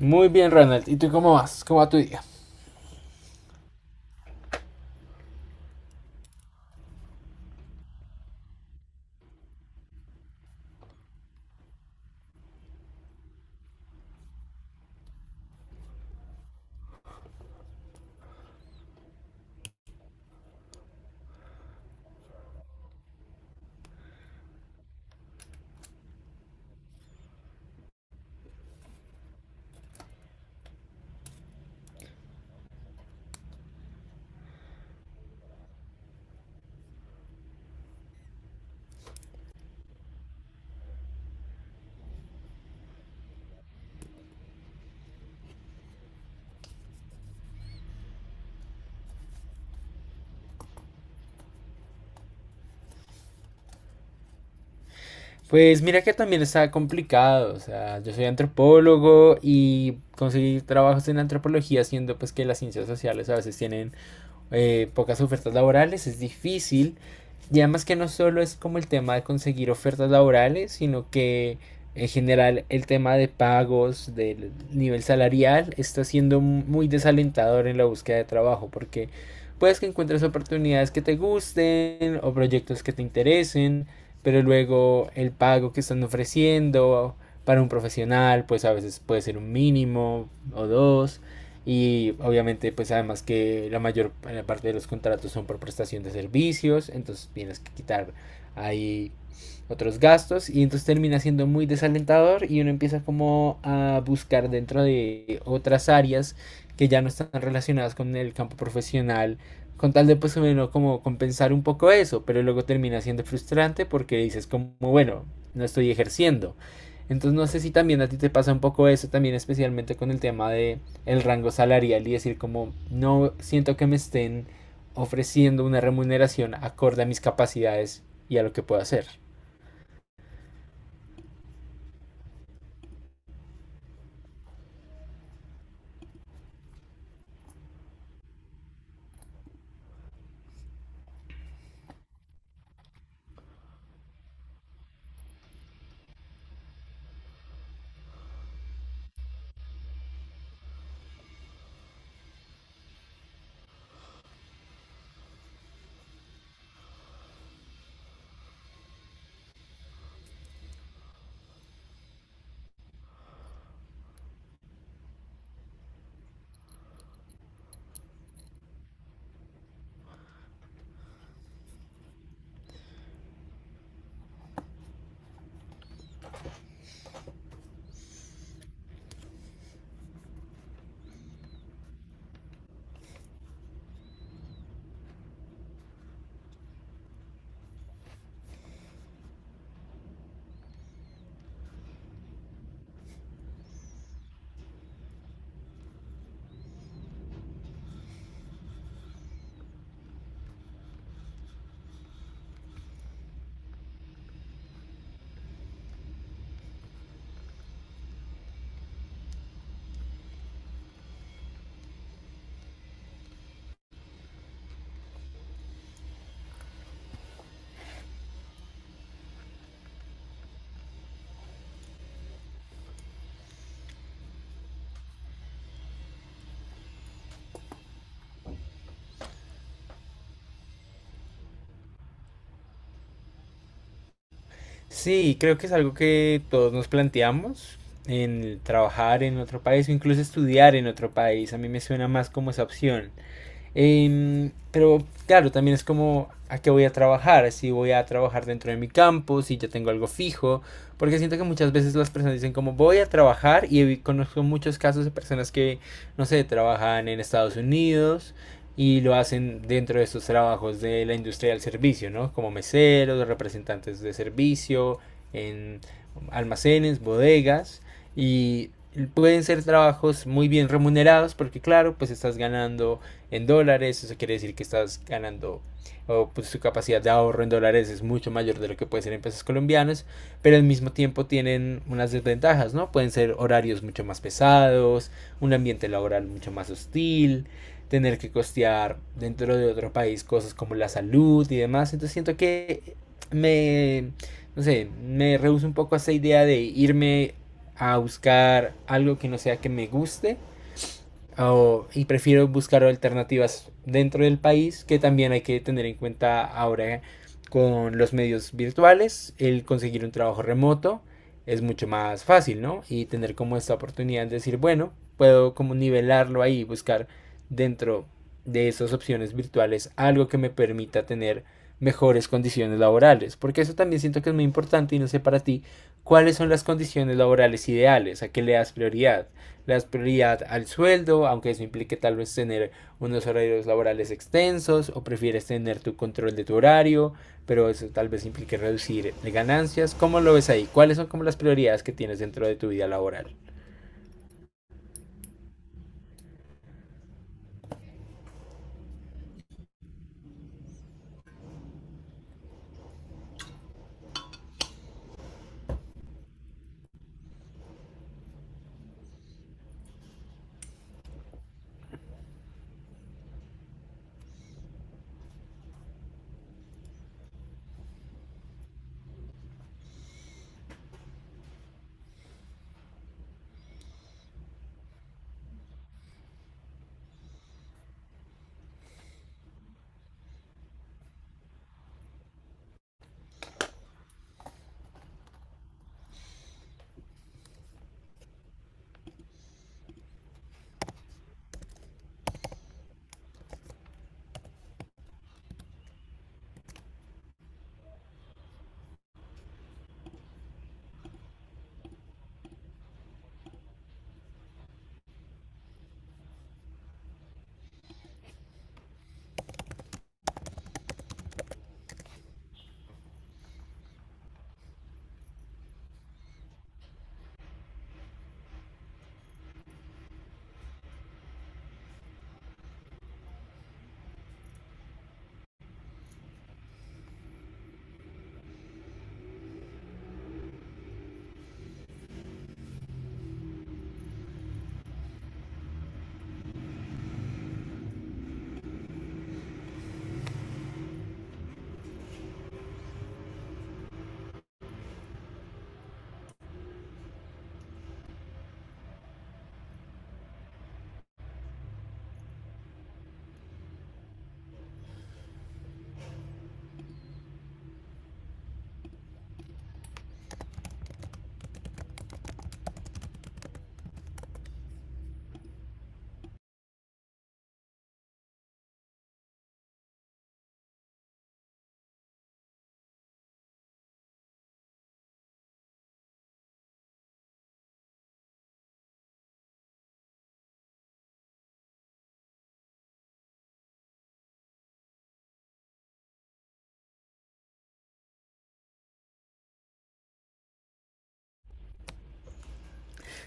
Muy bien, Ronald. ¿Y tú cómo vas? ¿Cómo va tu día? Pues mira que también está complicado, o sea, yo soy antropólogo y conseguir trabajos en antropología siendo pues que las ciencias sociales a veces tienen pocas ofertas laborales, es difícil. Y además que no solo es como el tema de conseguir ofertas laborales, sino que en general el tema de pagos, del nivel salarial, está siendo muy desalentador en la búsqueda de trabajo, porque puedes que encuentres oportunidades que te gusten o proyectos que te interesen, pero luego el pago que están ofreciendo para un profesional, pues a veces puede ser un mínimo o dos. Y obviamente, pues además que la mayor parte de los contratos son por prestación de servicios, entonces tienes que quitar ahí otros gastos y entonces termina siendo muy desalentador y uno empieza como a buscar dentro de otras áreas que ya no están relacionadas con el campo profesional con tal de pues o menos como compensar un poco eso, pero luego termina siendo frustrante porque dices como bueno, no estoy ejerciendo, entonces no sé si también a ti te pasa un poco eso también, especialmente con el tema de el rango salarial y decir como no siento que me estén ofreciendo una remuneración acorde a mis capacidades y a lo que puedo hacer. Sí, creo que es algo que todos nos planteamos en trabajar en otro país o incluso estudiar en otro país. A mí me suena más como esa opción. Pero claro, también es como a qué voy a trabajar, si voy a trabajar dentro de mi campo, si ya tengo algo fijo, porque siento que muchas veces las personas dicen como voy a trabajar y conozco muchos casos de personas que, no sé, trabajan en Estados Unidos y lo hacen dentro de estos trabajos de la industria del servicio, ¿no? Como meseros, representantes de servicio, en almacenes, bodegas, y pueden ser trabajos muy bien remunerados porque claro, pues estás ganando en dólares, eso quiere decir que estás ganando, o pues su capacidad de ahorro en dólares es mucho mayor de lo que puede ser en pesos colombianos, pero al mismo tiempo tienen unas desventajas, ¿no? Pueden ser horarios mucho más pesados, un ambiente laboral mucho más hostil, tener que costear dentro de otro país cosas como la salud y demás, entonces siento que me, no sé, me rehuso un poco a esa idea de irme a buscar algo que no sea que me guste. Ah, o y prefiero buscar alternativas dentro del país, que también hay que tener en cuenta ahora con los medios virtuales. El conseguir un trabajo remoto es mucho más fácil, ¿no? Y tener como esta oportunidad de decir, bueno, puedo como nivelarlo ahí, buscar dentro de esas opciones virtuales algo que me permita tener mejores condiciones laborales, porque eso también siento que es muy importante, y no sé para ti cuáles son las condiciones laborales ideales, a qué le das prioridad, las prioridad al sueldo, aunque eso implique tal vez tener unos horarios laborales extensos, o prefieres tener tu control de tu horario, pero eso tal vez implique reducir ganancias. ¿Cómo lo ves ahí? ¿Cuáles son como las prioridades que tienes dentro de tu vida laboral?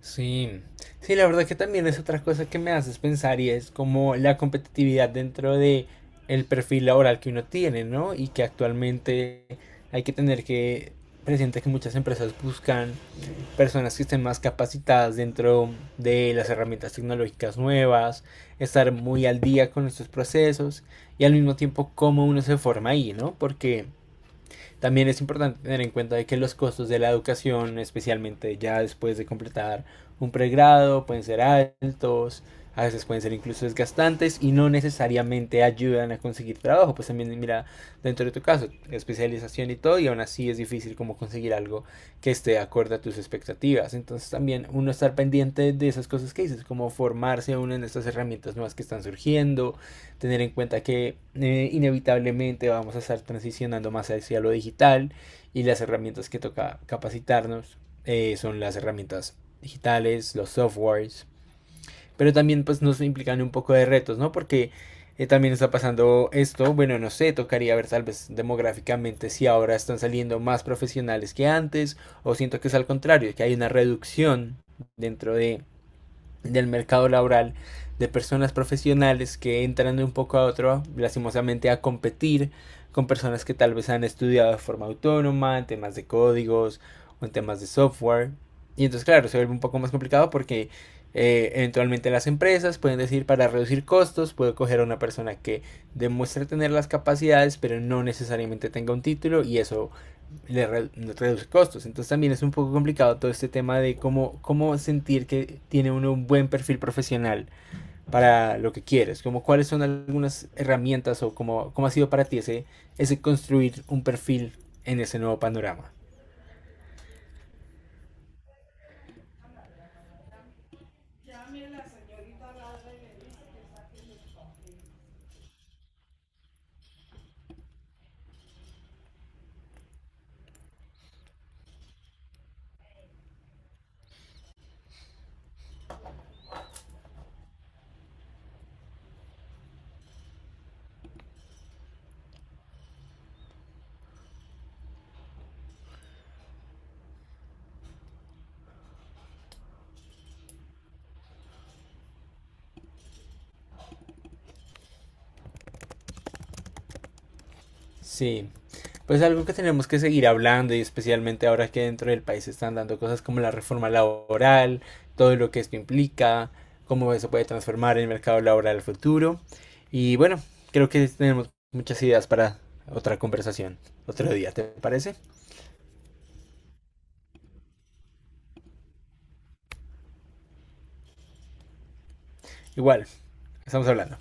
Sí, sí, la verdad que también es otra cosa que me haces pensar y es como la competitividad dentro de el perfil laboral que uno tiene, ¿no? Y que actualmente hay que tener que presente que muchas empresas buscan personas que estén más capacitadas dentro de las herramientas tecnológicas nuevas, estar muy al día con estos procesos, y al mismo tiempo cómo uno se forma ahí, ¿no? Porque también es importante tener en cuenta de que los costos de la educación, especialmente ya después de completar un pregrado, pueden ser altos, a veces pueden ser incluso desgastantes y no necesariamente ayudan a conseguir trabajo. Pues también mira, dentro de tu caso, especialización y todo, y aún así es difícil como conseguir algo que esté acorde a tus expectativas. Entonces también uno estar pendiente de esas cosas que dices, como formarse uno en estas herramientas nuevas que están surgiendo, tener en cuenta que inevitablemente vamos a estar transicionando más hacia lo digital y las herramientas que toca capacitarnos son las herramientas digitales, los softwares, pero también pues nos implican un poco de retos, ¿no? Porque también está pasando esto, bueno, no sé, tocaría ver tal vez demográficamente si ahora están saliendo más profesionales que antes, o siento que es al contrario, que hay una reducción dentro de del mercado laboral de personas profesionales que entran de un poco a otro, lastimosamente, a competir con personas que tal vez han estudiado de forma autónoma, en temas de códigos o en temas de software. Y entonces, claro, se vuelve un poco más complicado porque eventualmente las empresas pueden decir para reducir costos, puedo coger a una persona que demuestre tener las capacidades, pero no necesariamente tenga un título, y eso reduce costos. Entonces también es un poco complicado todo este tema de cómo, cómo sentir que tiene uno un buen perfil profesional para lo que quieres, como cuáles son algunas herramientas o cómo, cómo ha sido para ti ese construir un perfil en ese nuevo panorama. Sí, pues algo que tenemos que seguir hablando y especialmente ahora que dentro del país se están dando cosas como la reforma laboral, todo lo que esto implica, cómo eso puede transformar el mercado laboral al futuro. Y bueno, creo que tenemos muchas ideas para otra conversación otro día, ¿te parece? Igual, estamos hablando.